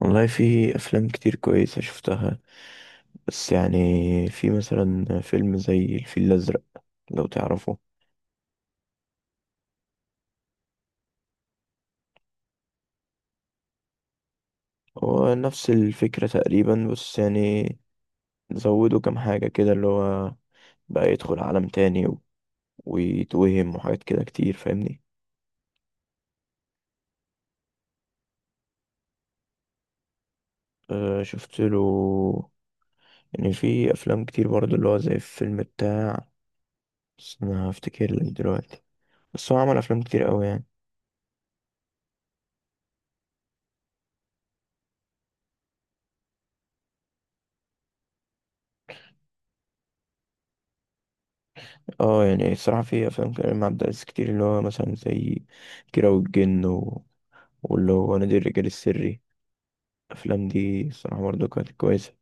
والله في أفلام كتير كويسة شفتها. بس يعني في مثلا فيلم زي الفيل الأزرق لو تعرفه. هو نفس الفكرة تقريبا، بس يعني زودوا كام حاجة كده، اللي هو بقى يدخل عالم تاني ويتوهم وحاجات كده كتير، فاهمني؟ أه شفت له. يعني في أفلام كتير برضه اللي هو زي الفيلم بتاع، بس أنا هفتكر لك دلوقتي. بس هو عمل أفلام كتير أوي يعني. اه، يعني الصراحة في أفلام كريم عبد العزيز كتير، اللي هو مثلا زي كيرة والجن واللي هو نادي الرجال السري. الأفلام دي الصراحة برضه كانت كويسة.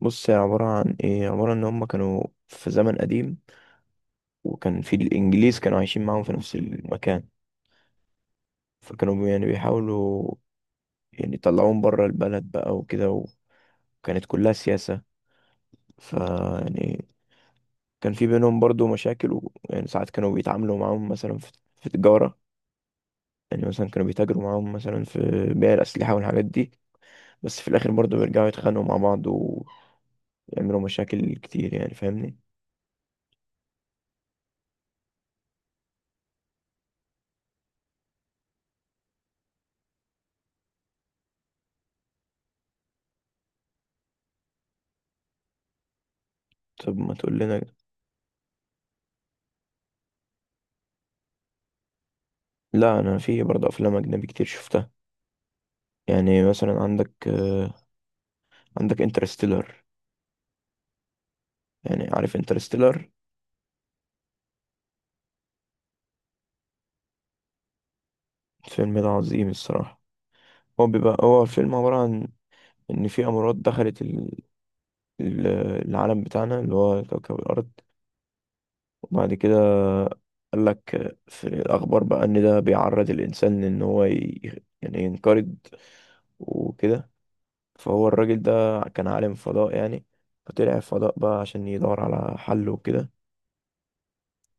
بص، هي عبارة عن إيه؟ عبارة إن هما كانوا في زمن قديم، وكان في الإنجليز كانوا عايشين معاهم في نفس المكان. فكانوا يعني بيحاولوا يعني يطلعوهم بره البلد بقى وكده، وكانت كلها سياسة. ف يعني كان في بينهم برضه مشاكل، ويعني ساعات كانوا بيتعاملوا معاهم مثلا في تجارة. يعني مثلا كانوا بيتاجروا معاهم مثلا في بيع الأسلحة والحاجات دي. بس في الآخر برضه بيرجعوا يتخانقوا مع بعض ويعملوا مشاكل كتير، يعني فاهمني؟ طب ما تقول لنا. لا، أنا في برضه أفلام أجنبي كتير شفتها. يعني مثلا عندك عندك انترستيلر. يعني عارف انترستيلر؟ الفيلم ده عظيم الصراحة. هو بيبقى هو الفيلم عبارة عن إن في أمراض دخلت ال- العالم بتاعنا اللي هو كوكب الأرض. بعد كده قال لك في الأخبار بقى إن ده بيعرض الإنسان إن هو يعني ينقرض وكده. فهو الراجل ده كان عالم فضاء يعني، فطلع الفضاء بقى عشان يدور على حل وكده.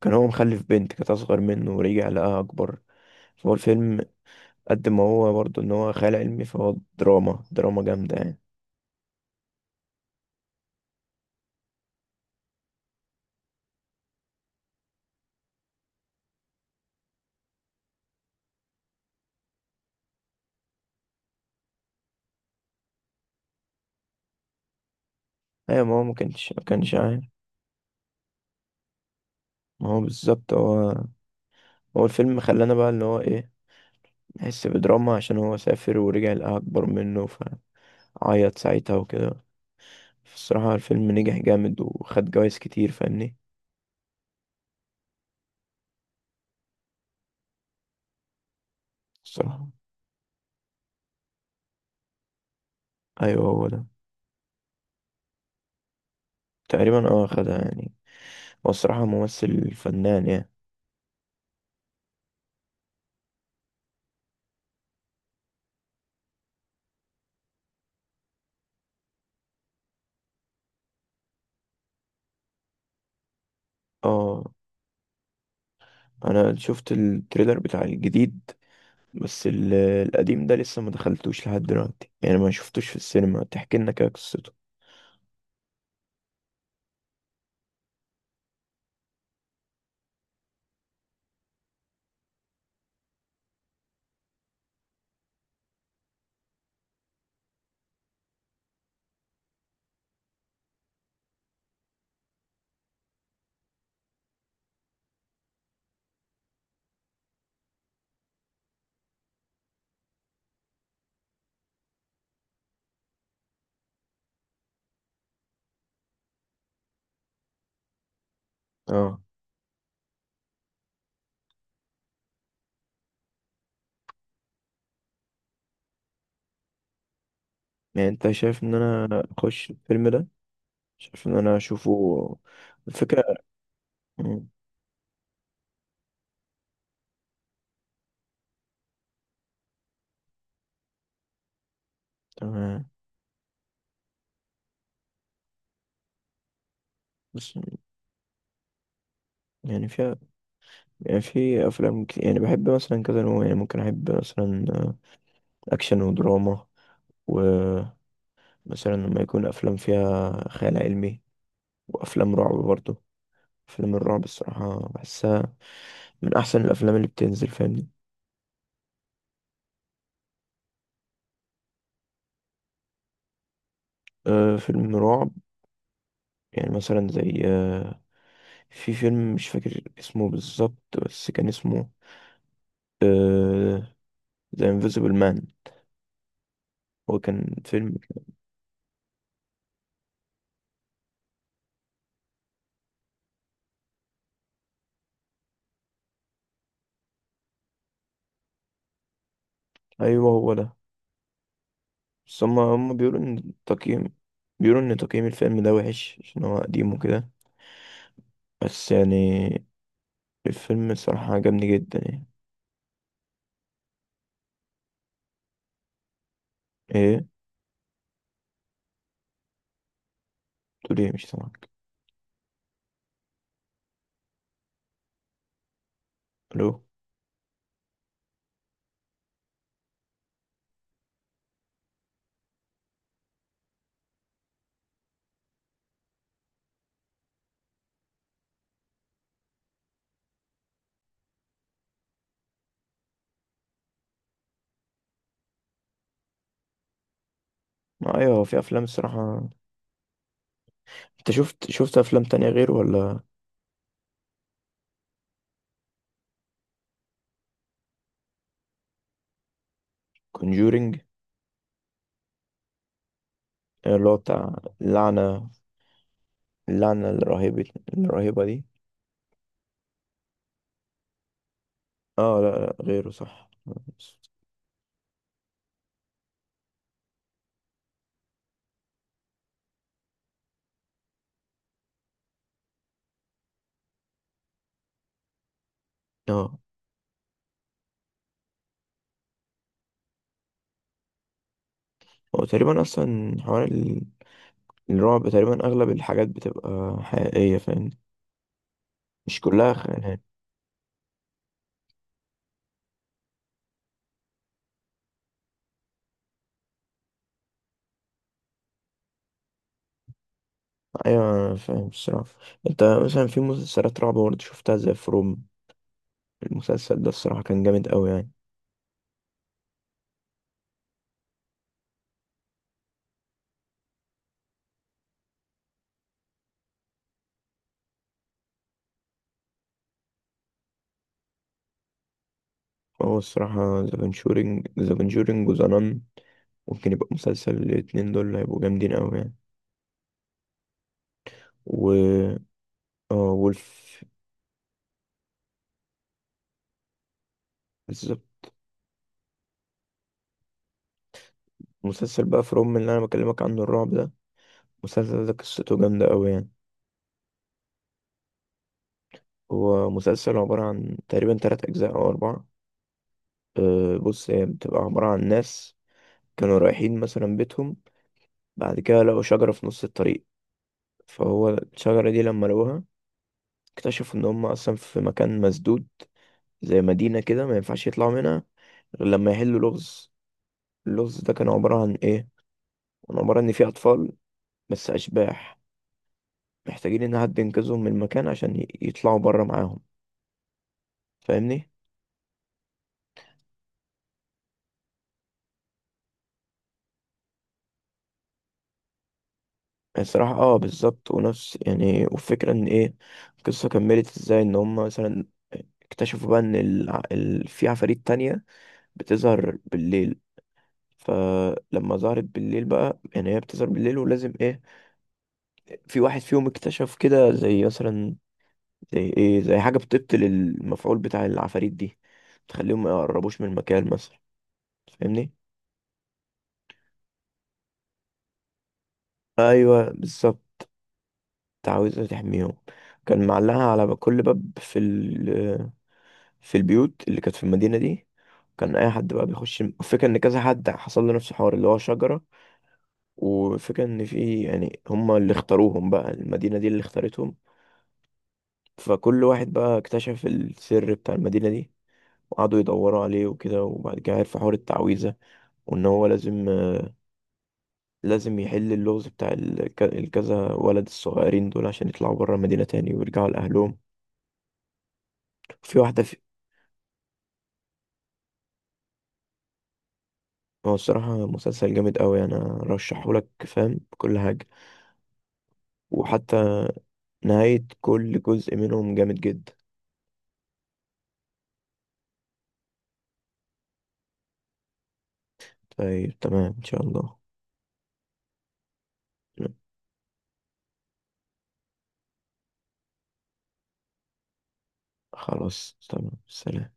كان هو مخلف بنت كانت أصغر منه، ورجع لقاها أكبر. فهو الفيلم قد ما هو برضه إن هو خيال علمي، فهو دراما دراما جامدة يعني. أيوة، ما هو ما كانش عارف. ما هو بالظبط. هو الفيلم خلانا بقى اللي هو إيه، نحس بدراما عشان هو سافر ورجع لقاها أكبر منه، ف عيط ساعتها وكده. الصراحة الفيلم نجح جامد وخد جوايز كتير، فاهمني؟ الصراحة أيوه هو ده. تقريبا اه خدها يعني. هو الصراحة ممثل فنان يعني. اه. أنا شفت التريلر بتاع الجديد، بس القديم ده لسه ما دخلتوش لحد دلوقتي، يعني ما شفتوش في السينما. تحكي لنا كده قصته. اه، يعني انت شايف ان انا اخش الفيلم ده؟ شايف ان انا اشوفه؟ الفكرة. مم، تمام. بس يعني فيها يعني، في افلام كتير يعني بحب مثلا كذا نوع، يعني ممكن احب مثلا اكشن ودراما، ومثلا لما يكون افلام فيها خيال علمي، وافلام رعب برضه. افلام الرعب الصراحه بحسها من احسن الافلام اللي بتنزل، فاهمني؟ أه فيلم رعب، يعني مثلا زي أه، في فيلم مش فاكر اسمه بالظبط بس كان اسمه أه The Invisible Man. هو كان فيلم. ايوه هو ده. بس هم بيقولوا ان تقييم الفيلم ده وحش عشان هو قديم وكده. بس يعني الفيلم الصراحة عجبني جدا يعني. ايه؟ تقول ايه؟ مش سامعك. الو. ما ايوه، في افلام الصراحة. انت شفت شفت افلام تانية غيره ولا؟ كونجورينج، اللي هو بتاع اللعنة، اللعنة الرهيبة الرهيبة دي. اه، لا لا، غيره صح. اه. هو تقريبا اصلا حوار الرعب، تقريبا اغلب الحاجات بتبقى حقيقية، فاهم؟ مش كلها. ايوه أنا فاهم الصراحه. انت مثلا في مسلسلات رعب برضه شفتها زي فروم؟ المسلسل ده الصراحه كان جامد قوي يعني. هو الصراحه ذا كونجورينج وذا نان ممكن يبقى مسلسل. الاتنين دول هيبقوا جامدين قوي يعني. و اه وولف. بالظبط. مسلسل بقى فروم اللي انا بكلمك عنه الرعب ده، المسلسل ده قصته جامده قوي يعني. هو مسلسل عباره عن تقريبا 3 أجزاء أو 4. أه بص، هي بتبقى عباره عن ناس كانوا رايحين مثلا بيتهم، بعد كده لقوا شجرة في نص الطريق. فهو الشجرة دي لما لقوها، اكتشفوا إن هم أصلا في مكان مسدود زي مدينة كده، ما ينفعش يطلعوا منها غير لما يحلوا لغز. اللغز ده كان عبارة عن إيه؟ كان عبارة إن في أطفال، بس أشباح، محتاجين إن حد ينقذهم من المكان عشان يطلعوا بره معاهم، فاهمني؟ الصراحة اه بالظبط. ونفس يعني، والفكرة إن إيه، القصة كملت إزاي، إن هم مثلا اكتشفوا بقى إن في عفاريت تانية بتظهر بالليل. فلما ظهرت بالليل بقى، يعني هي بتظهر بالليل ولازم إيه، في واحد فيهم اكتشف كده زي مثلا، زي ايه، زي حاجة بتبطل المفعول بتاع العفاريت دي، تخليهم ما يقربوش من المكان مثلا، فاهمني؟ ايوه بالظبط. عاوزة تحميهم. كان معلقها على كل باب في في البيوت اللي كانت في المدينة دي. كان اي حد بقى بيخش، الفكرة ان كذا حد حصل له نفس الحوار، اللي هو شجرة، وفكرة ان في يعني هما اللي اختاروهم بقى، المدينة دي اللي اختارتهم. فكل واحد بقى اكتشف السر بتاع المدينة دي، وقعدوا يدوروا عليه وكده، وبعد كده عرف حوار التعويذة، وإن هو لازم يحل اللغز بتاع الكذا ولد الصغيرين دول عشان يطلعوا بره المدينة تاني ويرجعوا لأهلهم. في واحدة في. هو الصراحة مسلسل جامد أوي، أنا رشحهولك فاهم بكل حاجة. وحتى نهاية كل جزء منهم جامد جدا. طيب تمام إن شاء الله. خلاص تمام سلام.